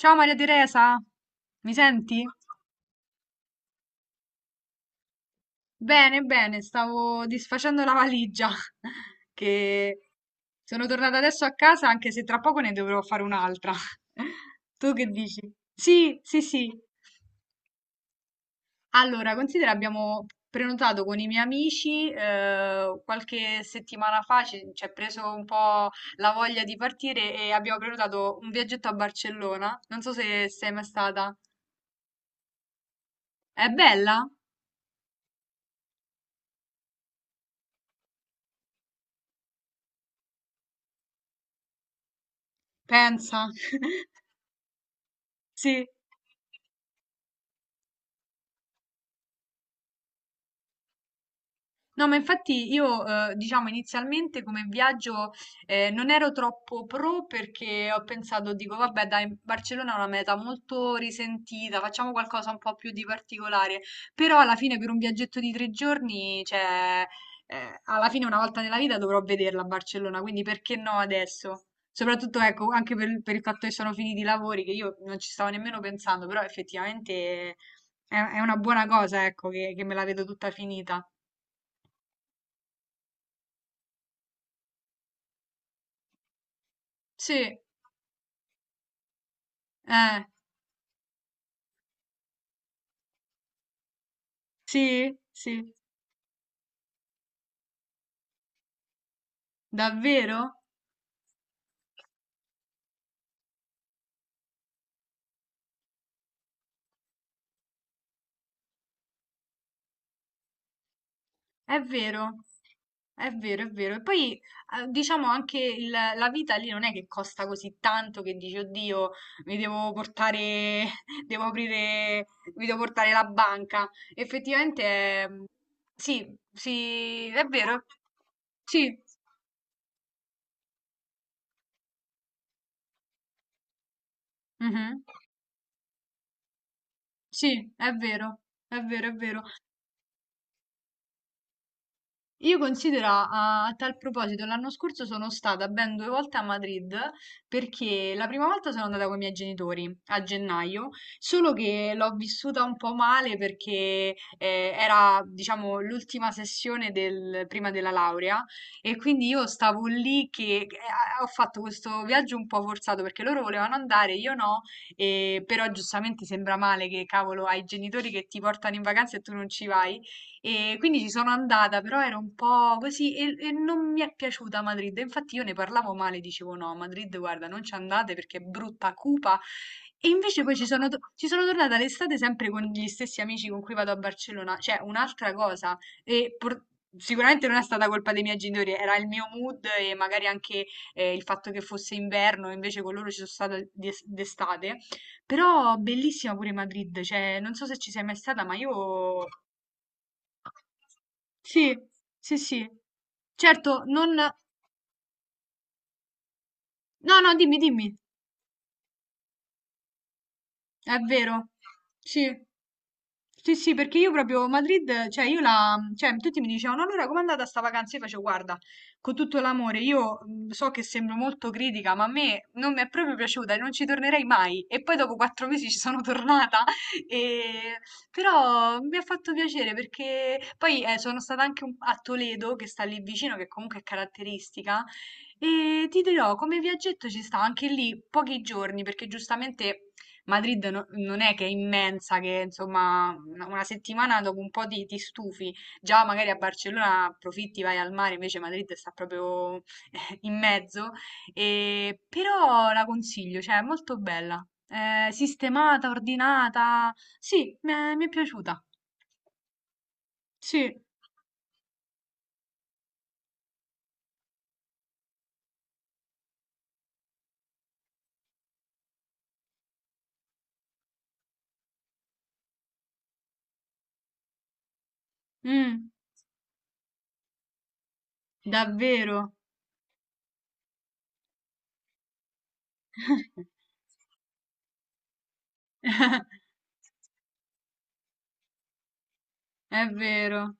Ciao Maria Teresa, mi senti? Bene, bene, stavo disfacendo la valigia che sono tornata adesso a casa anche se tra poco ne dovrò fare un'altra. Tu che dici? Sì, sì, sì. Allora, considera, abbiamo prenotato con i miei amici qualche settimana fa, ci è preso un po' la voglia di partire e abbiamo prenotato un viaggetto a Barcellona. Non so se sei mai stata. È bella? Pensa. Sì. No, ma infatti io, diciamo, inizialmente come viaggio non ero troppo pro perché ho pensato, dico, vabbè, dai, Barcellona è una meta molto risentita, facciamo qualcosa un po' più di particolare. Però alla fine per un viaggetto di 3 giorni, cioè, alla fine una volta nella vita dovrò vederla a Barcellona, quindi perché no adesso? Soprattutto, ecco, anche per il fatto che sono finiti i lavori, che io non ci stavo nemmeno pensando, però effettivamente è una buona cosa, ecco, che me la vedo tutta finita. Sì. Eh, sì, sì, davvero? È vero, è vero, è vero. E poi diciamo anche la vita lì non è che costa così tanto che dici, oddio, mi devo portare, devo aprire, mi devo portare la banca. Effettivamente è, sì, sì, è vero. Sì, mhm, sì, è vero, è vero, è vero. Io considera, a tal proposito, l'anno scorso sono stata ben due volte a Madrid perché la prima volta sono andata con i miei genitori a gennaio, solo che l'ho vissuta un po' male perché era, diciamo, l'ultima sessione del, prima della laurea e quindi io stavo lì che ho fatto questo viaggio un po' forzato perché loro volevano andare, io no, però giustamente sembra male che cavolo hai i genitori che ti portano in vacanza e tu non ci vai. E quindi ci sono andata, però era un po' così e non mi è piaciuta Madrid. Infatti io ne parlavo male, dicevo no, a Madrid, guarda, non ci andate perché è brutta, cupa. E invece poi ci sono tornata l'estate sempre con gli stessi amici con cui vado a Barcellona, cioè un'altra cosa. E por- sicuramente non è stata colpa dei miei genitori, era il mio mood e magari anche il fatto che fosse inverno, invece con loro ci sono stata d'estate. Però bellissima pure Madrid, cioè non so se ci sei mai stata, ma io sì, sì, sì. Certo, non no, no, dimmi, dimmi. È vero. Sì. Sì, sì, perché io proprio Madrid, cioè cioè tutti mi dicevano: "No, allora com'è andata sta vacanza?" Io facevo guarda, con tutto l'amore, io so che sembro molto critica, ma a me non mi è proprio piaciuta e non ci tornerei mai. E poi dopo 4 mesi ci sono tornata, e... però mi ha fatto piacere perché poi sono stata anche a Toledo, che sta lì vicino, che comunque è caratteristica, e ti dirò, come viaggetto ci sta anche lì pochi giorni, perché giustamente... Madrid non è che è immensa, che insomma una settimana dopo un po' ti stufi, già magari a Barcellona approfitti, vai al mare, invece Madrid sta proprio in mezzo, però la consiglio, cioè è molto bella. Sistemata, ordinata, sì, mi è piaciuta, sì. Mm, davvero, è vero,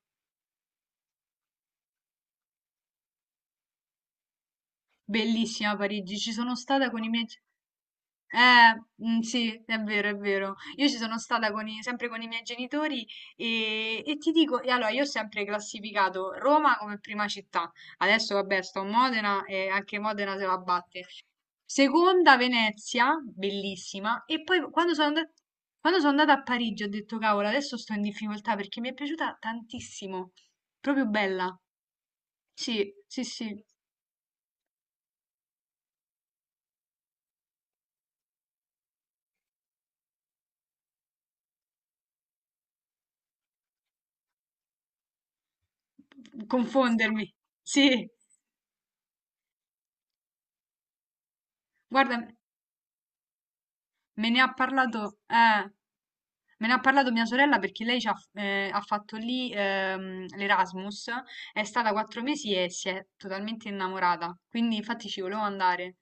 bellissima Parigi, ci sono stata con i miei... mhmm, sì, è vero, è vero. Io ci sono stata con i sempre con i miei genitori, e ti dico e allora io ho sempre classificato Roma come prima città. Adesso vabbè sto a Modena e anche Modena se la batte. Seconda Venezia, bellissima, e poi quando sono andata a Parigi ho detto: "Cavolo, adesso sto in difficoltà" perché mi è piaciuta tantissimo. Proprio bella. Sì, sì, sì. Confondermi. Sì, guarda. Me ne ha parlato, eh, me ne ha parlato mia sorella perché lei ha fatto lì l'Erasmus, è stata 4 mesi e si è totalmente innamorata, quindi infatti ci volevo andare.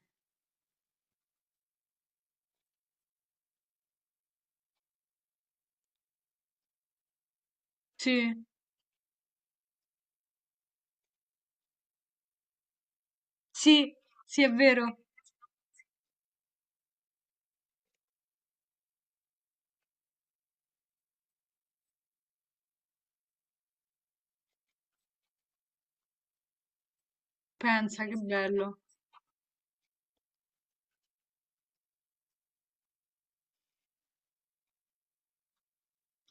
Sì, sì, sì, è vero. Pensa, che bello.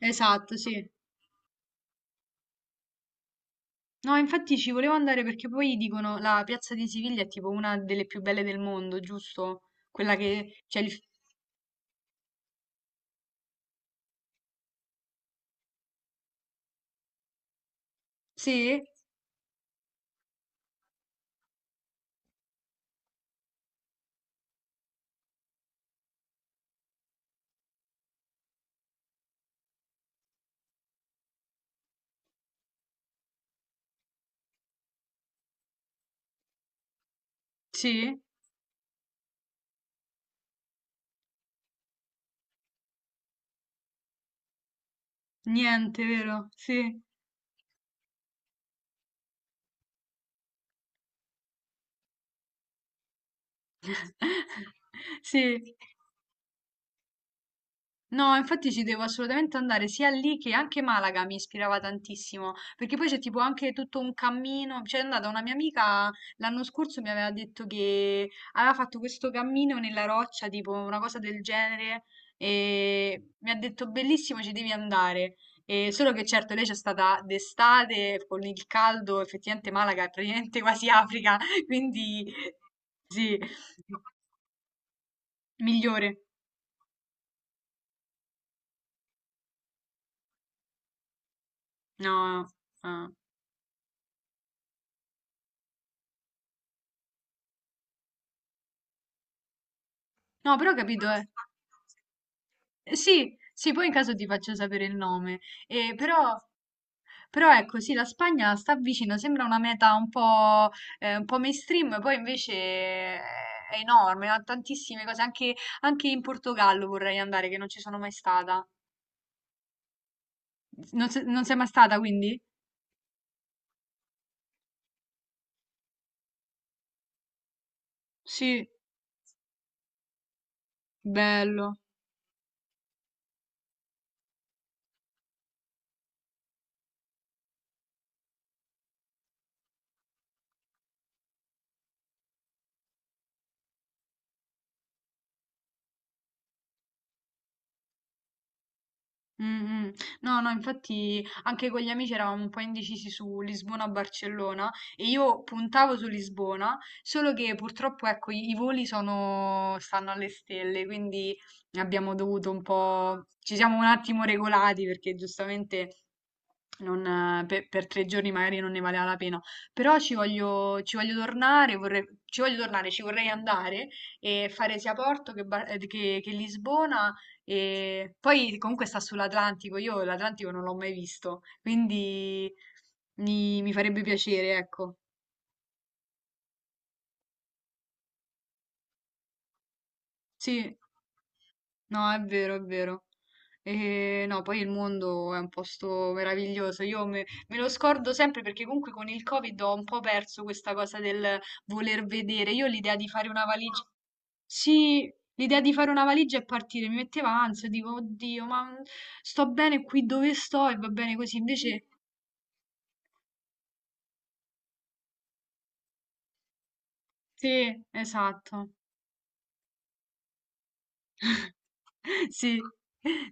Esatto, sì. No, infatti ci volevo andare perché poi dicono la piazza di Siviglia è tipo una delle più belle del mondo, giusto? Quella che c'è il... Sì? Sì? Niente, vero? Sì. Sì, no, infatti ci devo assolutamente andare sia lì che anche Malaga mi ispirava tantissimo, perché poi c'è tipo anche tutto un cammino, c'è andata una mia amica l'anno scorso mi aveva detto che aveva fatto questo cammino nella roccia, tipo una cosa del genere, e mi ha detto bellissimo, ci devi andare. E solo che certo lei c'è stata d'estate con il caldo, effettivamente Malaga è praticamente quasi Africa, quindi sì, migliore. No, ah. No, però ho capito, eh. Sì, sì, poi in caso ti faccio sapere il nome. Eh, però, però ecco, sì, la Spagna sta vicino, sembra una meta un po' mainstream, poi invece è enorme, ha tantissime cose, anche in Portogallo vorrei andare, che non ci sono mai stata. Non sei mai stata, quindi? Sì, bello. Mh-mh. No, no, infatti anche con gli amici eravamo un po' indecisi su Lisbona o Barcellona e io puntavo su Lisbona, solo che purtroppo ecco i voli sono stanno alle stelle, quindi abbiamo dovuto un po' ci siamo un attimo regolati perché giustamente non, per 3 giorni magari non ne valeva la pena, però ci voglio tornare, vorrei, ci voglio tornare, ci vorrei andare e fare sia Porto che Lisbona e poi comunque sta sull'Atlantico, io l'Atlantico non l'ho mai visto, quindi mi farebbe piacere, ecco. Sì, no, è vero, è vero. E no, poi il mondo è un posto meraviglioso. Io me lo scordo sempre perché comunque con il Covid ho un po' perso questa cosa del voler vedere. Io l'idea di fare una valigia. Sì, l'idea di fare una valigia e partire mi metteva ansia, dico, oddio, ma sto bene qui dove sto e va bene così. Invece, sì, esatto. Sì,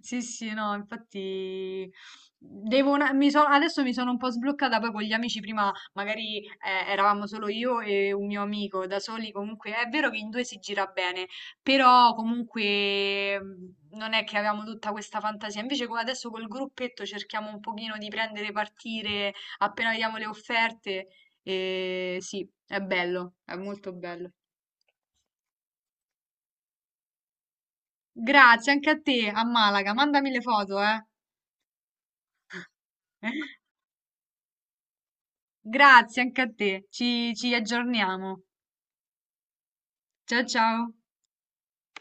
sì, sì, no, infatti devo una- mi so- adesso mi sono un po' sbloccata, poi con gli amici prima magari eravamo solo io e un mio amico, da soli comunque è vero che in due si gira bene, però comunque non è che avevamo tutta questa fantasia, invece adesso col gruppetto cerchiamo un pochino di prendere partire appena vediamo le offerte e sì, è bello, è molto bello. Grazie anche a te, a Malaga, mandami le foto, eh. Grazie anche a te, ci aggiorniamo. Ciao ciao.